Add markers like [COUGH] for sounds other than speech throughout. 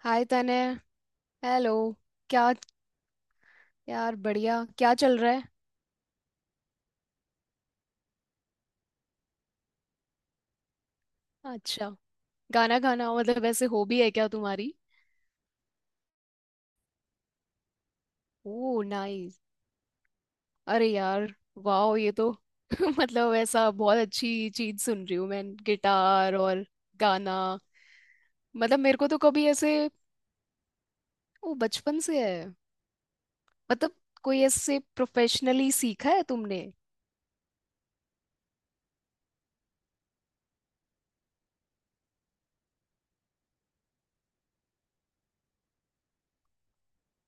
हाय तने। हेलो। क्या? यार बढ़िया। क्या चल रहा है? अच्छा। गाना गाना मतलब ऐसे हॉबी है क्या तुम्हारी? ओह, नाइस। अरे यार। वाह ये तो [LAUGHS] मतलब ऐसा बहुत अच्छी चीज सुन रही हूँ मैं। गिटार और गाना। मतलब मेरे को तो कभी ऐसे। वो बचपन से है। मतलब कोई ऐसे प्रोफेशनली सीखा है तुमने?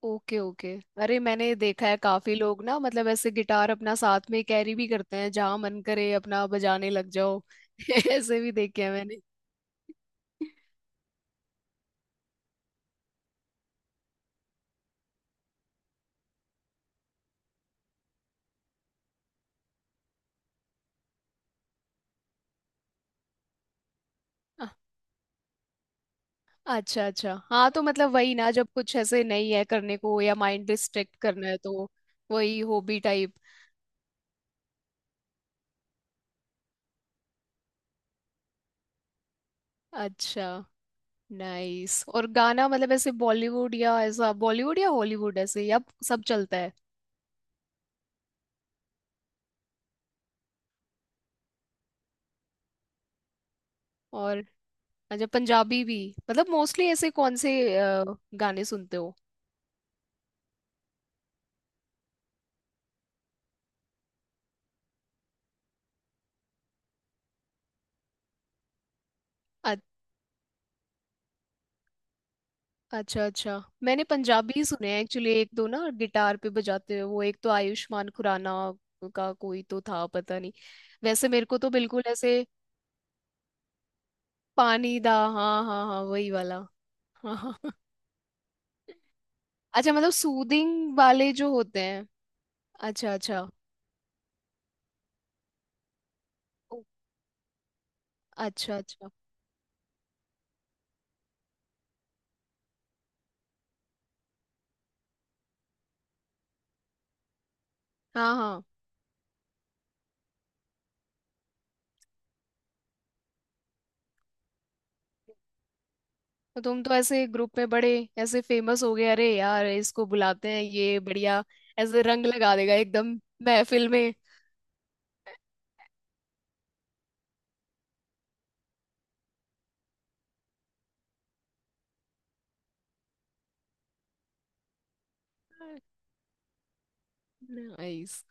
Okay, okay. अरे, मैंने देखा है काफी लोग ना मतलब ऐसे गिटार अपना साथ में कैरी भी करते हैं, जहां मन करे अपना बजाने लग जाओ। [LAUGHS] ऐसे भी देखे हैं मैंने। अ- अच्छा, अच्छा। हाँ तो मतलब वही ना, जब कुछ ऐसे नहीं है करने को या माइंड डिस्ट्रैक्ट करना है तो। वही हॉबी टाइप। अच्छा, नाइस। और गाना मतलब ऐसे बॉलीवुड या ऐसा बॉलीवुड या हॉलीवुड ऐसे या? सब चलता है। और अच्छा, पंजाबी भी। मतलब मोस्टली ऐसे कौन से अ, गाने सुनते हो? अच्छा, अच्छा। मैंने पंजाबी सुने हैं एक्चुअली, एक दो ना गिटार पे बजाते हुए। वो एक तो आयुष्मान खुराना का कोई तो था, पता नहीं। वैसे मेरे को तो बिल्कुल ऐसे। पानी दा, हाँ हाँ हाँ, वही वाला। हाँ हाँ हाँ। अच्छा, मतलब सूदिंग वाले जो होते हैं। अच्छा, अच्छा। ओ, अच्छा, अच्छा। हाँ हाँ। तो तुम तो ऐसे ग्रुप में बड़े ऐसे फेमस हो गए। अरे यार, इसको बुलाते हैं, ये बढ़िया। ऐसे रंग लगा देगा एकदम महफिल में। [LAUGHS] नाइस।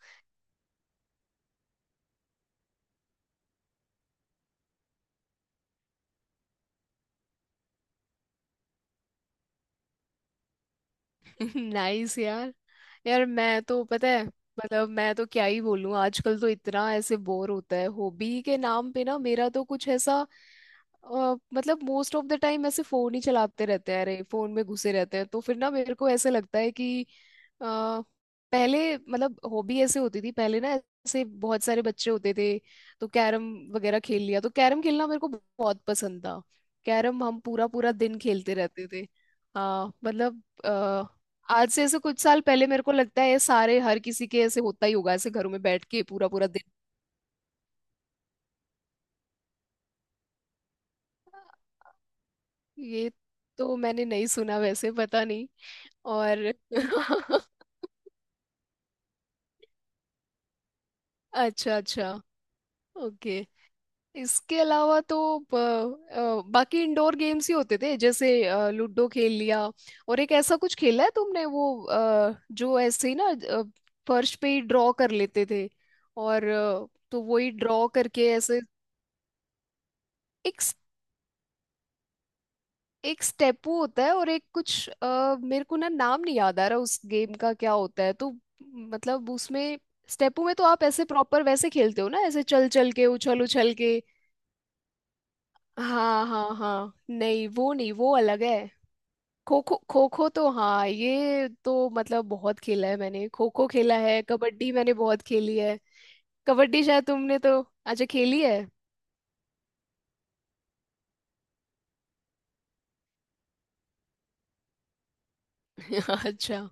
[LAUGHS] नाइस यार। यार मैं तो, पता है मतलब मैं तो क्या ही बोलूं। आजकल तो इतना ऐसे बोर होता है, हॉबी के नाम पे ना मेरा तो कुछ ऐसा। मतलब मोस्ट ऑफ द टाइम ऐसे फोन ही चलाते रहते हैं। अरे, फोन में घुसे रहते हैं, तो फिर ना मेरे को ऐसे लगता है कि अ, पहले मतलब हॉबी ऐसे होती थी। पहले ना ऐसे बहुत सारे बच्चे होते थे। तो कैरम वगैरह खेल लिया। तो कैरम खेलना मेरे को बहुत पसंद था। कैरम हम पूरा पूरा दिन खेलते रहते थे। हाँ मतलब। आज से ऐसे कुछ साल पहले मेरे को लगता है ये सारे हर किसी के ऐसे होता ही होगा, ऐसे घरों में बैठ के पूरा पूरा दिन। ये तो मैंने नहीं सुना, वैसे पता नहीं। और [LAUGHS] अच्छा, अच्छा। ओके। इसके अलावा तो बाकी इंडोर गेम्स ही होते थे, जैसे लूडो खेल लिया। और एक ऐसा कुछ खेला है तुमने? वो जो ऐसे ही ना फर्श पे ही ड्रॉ कर लेते थे, और तो वही ड्रॉ करके ऐसे। एक एक स्टेपू होता है, और एक कुछ मेरे को ना नाम नहीं याद आ रहा उस गेम का, क्या होता है तो। मतलब उसमें, स्टेपू में तो आप ऐसे प्रॉपर वैसे खेलते हो ना, ऐसे चल चल के उछल उछल के। हाँ हाँ हाँ, नहीं वो नहीं, वो अलग है। खो खो, खो खो तो हाँ ये तो मतलब बहुत खेला है मैंने। खो खो खेला है, कबड्डी मैंने बहुत खेली है। कबड्डी शायद तुमने तो? अच्छा खेली है। [LAUGHS] अच्छा,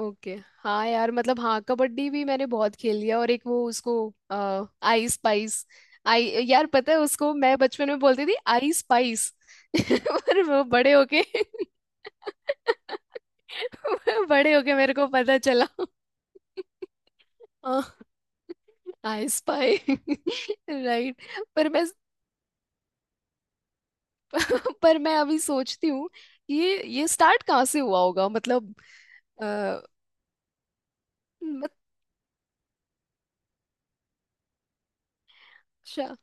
ओके। हाँ यार मतलब, हाँ कबड्डी भी मैंने बहुत खेली है, और एक वो उसको आ, आई स्पाइस। आई यार पता है उसको मैं बचपन में बोलती थी आई स्पाइस। [LAUGHS] पर वो बड़े होके। [LAUGHS] बड़े होके मेरे को पता चला आई स्पाई। राइट। [LAUGHS] पर मैं। पर मैं अभी सोचती हूँ, ये स्टार्ट कहाँ से हुआ होगा, मतलब। अ, अच्छा।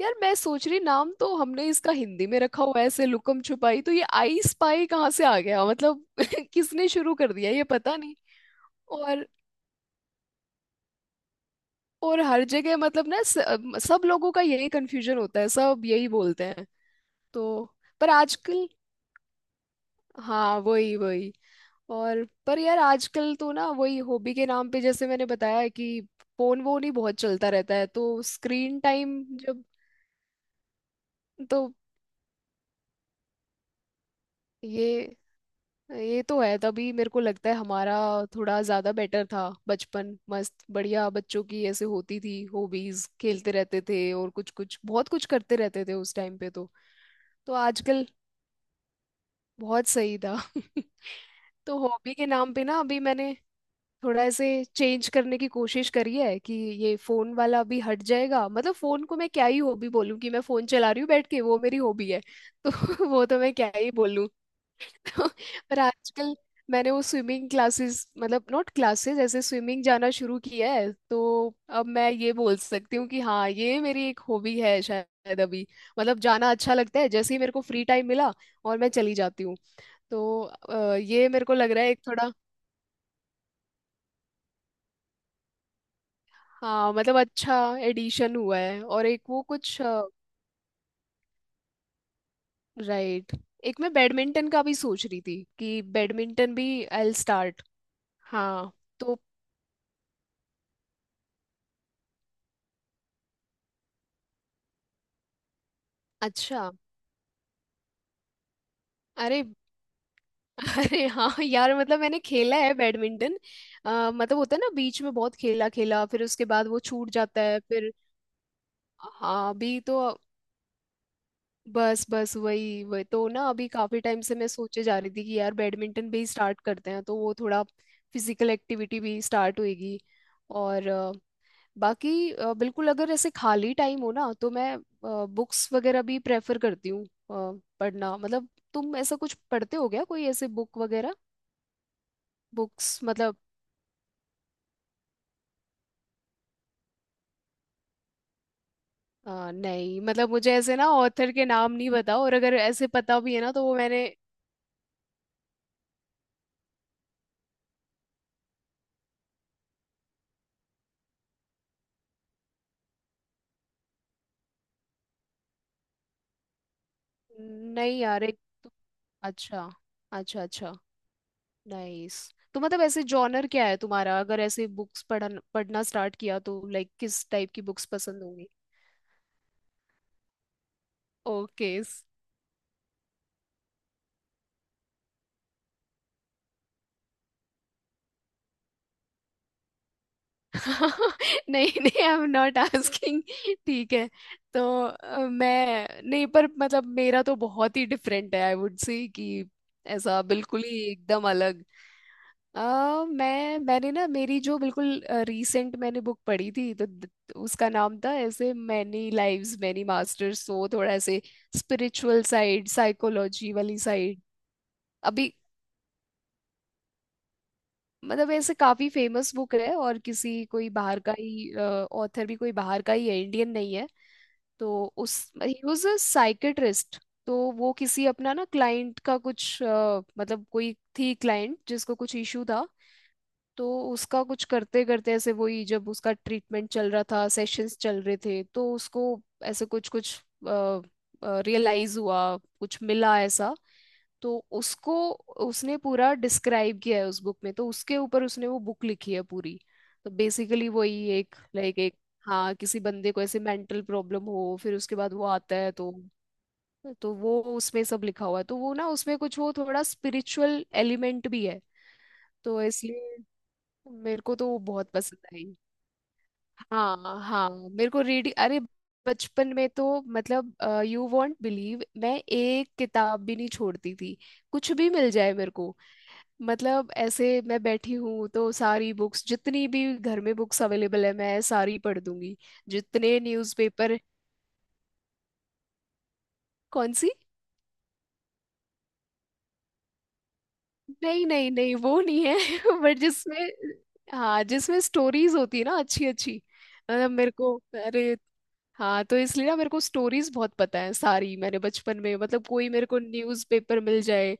यार मैं सोच रही, नाम तो हमने इसका हिंदी में रखा हुआ है ऐसे लुकम छुपाई, तो ये आई स्पाई कहाँ से आ गया मतलब? [LAUGHS] किसने शुरू कर दिया, ये पता नहीं। और हर जगह मतलब ना सब लोगों का यही कंफ्यूजन होता है, सब यही बोलते हैं तो। पर आजकल। हाँ, वही वही। और पर यार आजकल तो ना वही हॉबी के नाम पे, जैसे मैंने बताया है कि फोन वोन ही बहुत चलता रहता है, तो स्क्रीन टाइम जब। तो ये ये तो है। तभी मेरे को लगता है हमारा थोड़ा ज्यादा बेटर था। बचपन मस्त बढ़िया। बच्चों की ऐसे होती थी हॉबीज, खेलते रहते थे और कुछ कुछ बहुत कुछ करते रहते थे उस टाइम पे तो। तो आजकल। बहुत सही था। [LAUGHS] तो हॉबी के नाम पे ना अभी मैंने थोड़ा ऐसे चेंज करने की कोशिश करी है, कि ये फोन वाला अभी हट जाएगा। मतलब फोन को मैं क्या ही हॉबी बोलूँ, कि मैं फोन चला रही हूँ बैठ के, वो मेरी हॉबी है। [LAUGHS] तो वो तो मैं क्या ही बोलूँ। [LAUGHS] पर आजकल। मैंने वो स्विमिंग क्लासेस, मतलब नॉट क्लासेस, ऐसे स्विमिंग जाना शुरू किया है तो। अब मैं ये बोल सकती हूँ कि हाँ ये मेरी एक हॉबी है शायद अभी। मतलब जाना अच्छा लगता है, जैसे ही मेरे को फ्री टाइम मिला और मैं चली जाती हूँ। तो ये मेरे को लग रहा है एक थोड़ा। हाँ मतलब, अच्छा एडिशन हुआ है, और एक वो कुछ। राइट। एक मैं बैडमिंटन का भी सोच रही थी, कि बैडमिंटन भी आई विल स्टार्ट। हाँ तो। अच्छा। अरे, अरे, हाँ यार मतलब मैंने खेला है बैडमिंटन। मतलब होता है ना बीच में बहुत खेला खेला, फिर उसके बाद वो छूट जाता है फिर। हाँ अभी तो। बस, बस, वही वही तो ना अभी काफी टाइम से मैं सोचे जा रही थी कि यार बैडमिंटन भी स्टार्ट करते हैं, तो वो थोड़ा फिजिकल एक्टिविटी भी स्टार्ट होएगी। और बाकी बिल्कुल, अगर ऐसे खाली टाइम हो ना तो मैं बुक्स वगैरह भी प्रेफर करती हूँ। पढ़ना मतलब तुम ऐसा कुछ पढ़ते हो क्या, कोई ऐसे बुक वगैरह? बुक्स मतलब। नहीं मतलब मुझे ऐसे ना ऑथर के नाम नहीं पता, और अगर ऐसे पता भी है ना तो वो मैंने। नहीं यार एक। अच्छा, अच्छा, अच्छा, नाइस। तो मतलब ऐसे जॉनर क्या है तुम्हारा, अगर ऐसे बुक्स पढ़ना स्टार्ट किया, तो लाइक किस टाइप की बुक्स पसंद होंगी? ओके। [LAUGHS] नहीं, नहीं, आई एम नॉट आस्किंग। ठीक है तो। मैं नहीं, पर मतलब मेरा तो बहुत ही डिफरेंट है, आई वुड से कि ऐसा बिल्कुल ही एकदम अलग। अ मैंने ना मेरी जो बिल्कुल रीसेंट मैंने बुक पढ़ी थी तो उसका नाम था ऐसे मैनी लाइव्स मैनी मास्टर्स, तो वो थोड़ा ऐसे स्पिरिचुअल साइड, साइकोलॉजी वाली साइड। अभी मतलब ऐसे काफी फेमस बुक है, और किसी कोई बाहर का ही ऑथर भी, कोई बाहर का ही है, इंडियन नहीं है। तो उस, ही वाज अ साइकेट्रिस्ट। तो वो किसी अपना ना क्लाइंट का कुछ मतलब कोई थी क्लाइंट जिसको कुछ इशू था। तो उसका कुछ करते करते ऐसे वही, जब उसका ट्रीटमेंट चल रहा था, सेशंस चल रहे थे, तो उसको ऐसे कुछ कुछ रियलाइज हुआ, कुछ मिला ऐसा। तो उसको, उसने पूरा डिस्क्राइब किया है उस बुक में, तो उसके ऊपर उसने वो बुक लिखी है पूरी। तो बेसिकली वही एक, लाइक एक। हाँ, किसी बंदे को ऐसे मेंटल प्रॉब्लम हो, फिर उसके बाद वो आता है तो। तो वो उसमें सब लिखा हुआ है, तो वो ना उसमें कुछ वो थोड़ा स्पिरिचुअल एलिमेंट भी है। तो इसलिए मेरे को तो वो बहुत पसंद आई। हाँ हाँ मेरे को रीड, अरे बचपन में तो मतलब यू वॉन्ट बिलीव, मैं एक किताब भी नहीं छोड़ती थी। कुछ भी मिल जाए मेरे को, मतलब ऐसे मैं बैठी हूँ तो सारी बुक्स, जितनी भी घर में बुक्स अवेलेबल है, मैं सारी पढ़ दूंगी। जितने न्यूज़पेपर। कौन सी? नहीं, नहीं, नहीं, वो नहीं है। [LAUGHS] बट जिसमें, हाँ, जिसमें स्टोरीज होती है ना अच्छी अच्छी। मतलब मेरे को, अरे! हाँ तो इसलिए ना मेरे को स्टोरीज बहुत पता है सारी, मैंने बचपन में मतलब कोई मेरे को न्यूज़पेपर मिल जाए।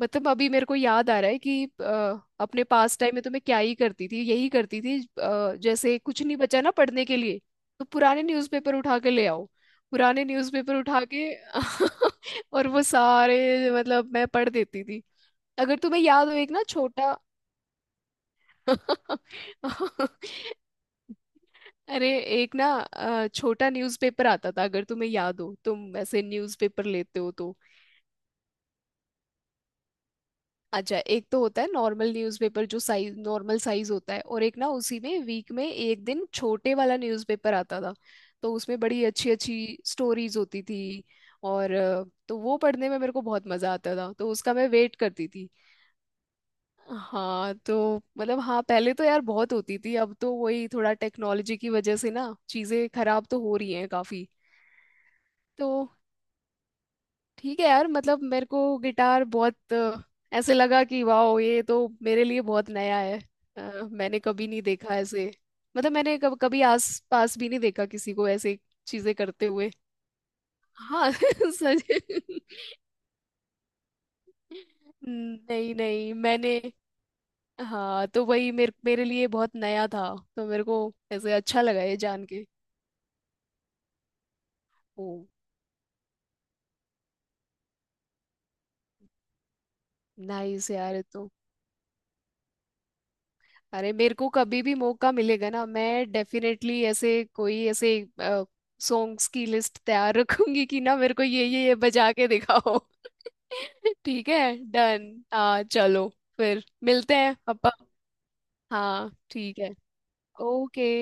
मतलब अभी मेरे को याद आ रहा है कि अपने पास टाइम में तो मैं क्या ही करती थी, यही करती थी, जैसे कुछ नहीं बचा ना पढ़ने के लिए, तो पुराने न्यूज़पेपर उठा के ले आओ। पुराने न्यूज़पेपर उठा के [LAUGHS] और वो सारे मतलब मैं पढ़ देती थी। अगर तुम्हें याद हो एक ना छोटा। [LAUGHS] अरे, एक ना छोटा न्यूज़पेपर आता था, अगर तुम्हें याद हो, तुम वैसे न्यूज़पेपर लेते हो तो। अच्छा, एक तो होता है नॉर्मल न्यूज़पेपर, जो साइज, नॉर्मल साइज होता है, और एक ना उसी में वीक में एक दिन छोटे वाला न्यूज़पेपर आता था। तो उसमें बड़ी अच्छी अच्छी स्टोरीज होती थी, और तो वो पढ़ने में मेरे को बहुत मजा आता था, तो उसका मैं वेट करती थी। हाँ तो मतलब, हाँ पहले तो यार बहुत होती थी, अब तो वही थोड़ा टेक्नोलॉजी की वजह से ना चीजें खराब तो हो रही हैं काफी। तो ठीक है यार, मतलब मेरे को गिटार बहुत ऐसे लगा कि वाह ये तो मेरे लिए बहुत नया है। मैंने कभी नहीं देखा ऐसे, मतलब मैंने कभी आस पास भी नहीं देखा किसी को ऐसे चीजें करते हुए। हाँ। [LAUGHS] सच। नहीं नहीं मैंने, हाँ तो वही मेरे मेरे लिए बहुत नया था। तो मेरे को ऐसे अच्छा लगा ये जान के। ओ, नाइस यार, ये तो। अरे मेरे को कभी भी मौका मिलेगा ना मैं डेफिनेटली ऐसे कोई ऐसे सॉन्ग्स की लिस्ट तैयार रखूंगी कि ना मेरे को ये बजा के दिखाओ। [LAUGHS] ठीक है। डन, आ चलो, फिर मिलते हैं अपन। हाँ, ठीक है। ओके।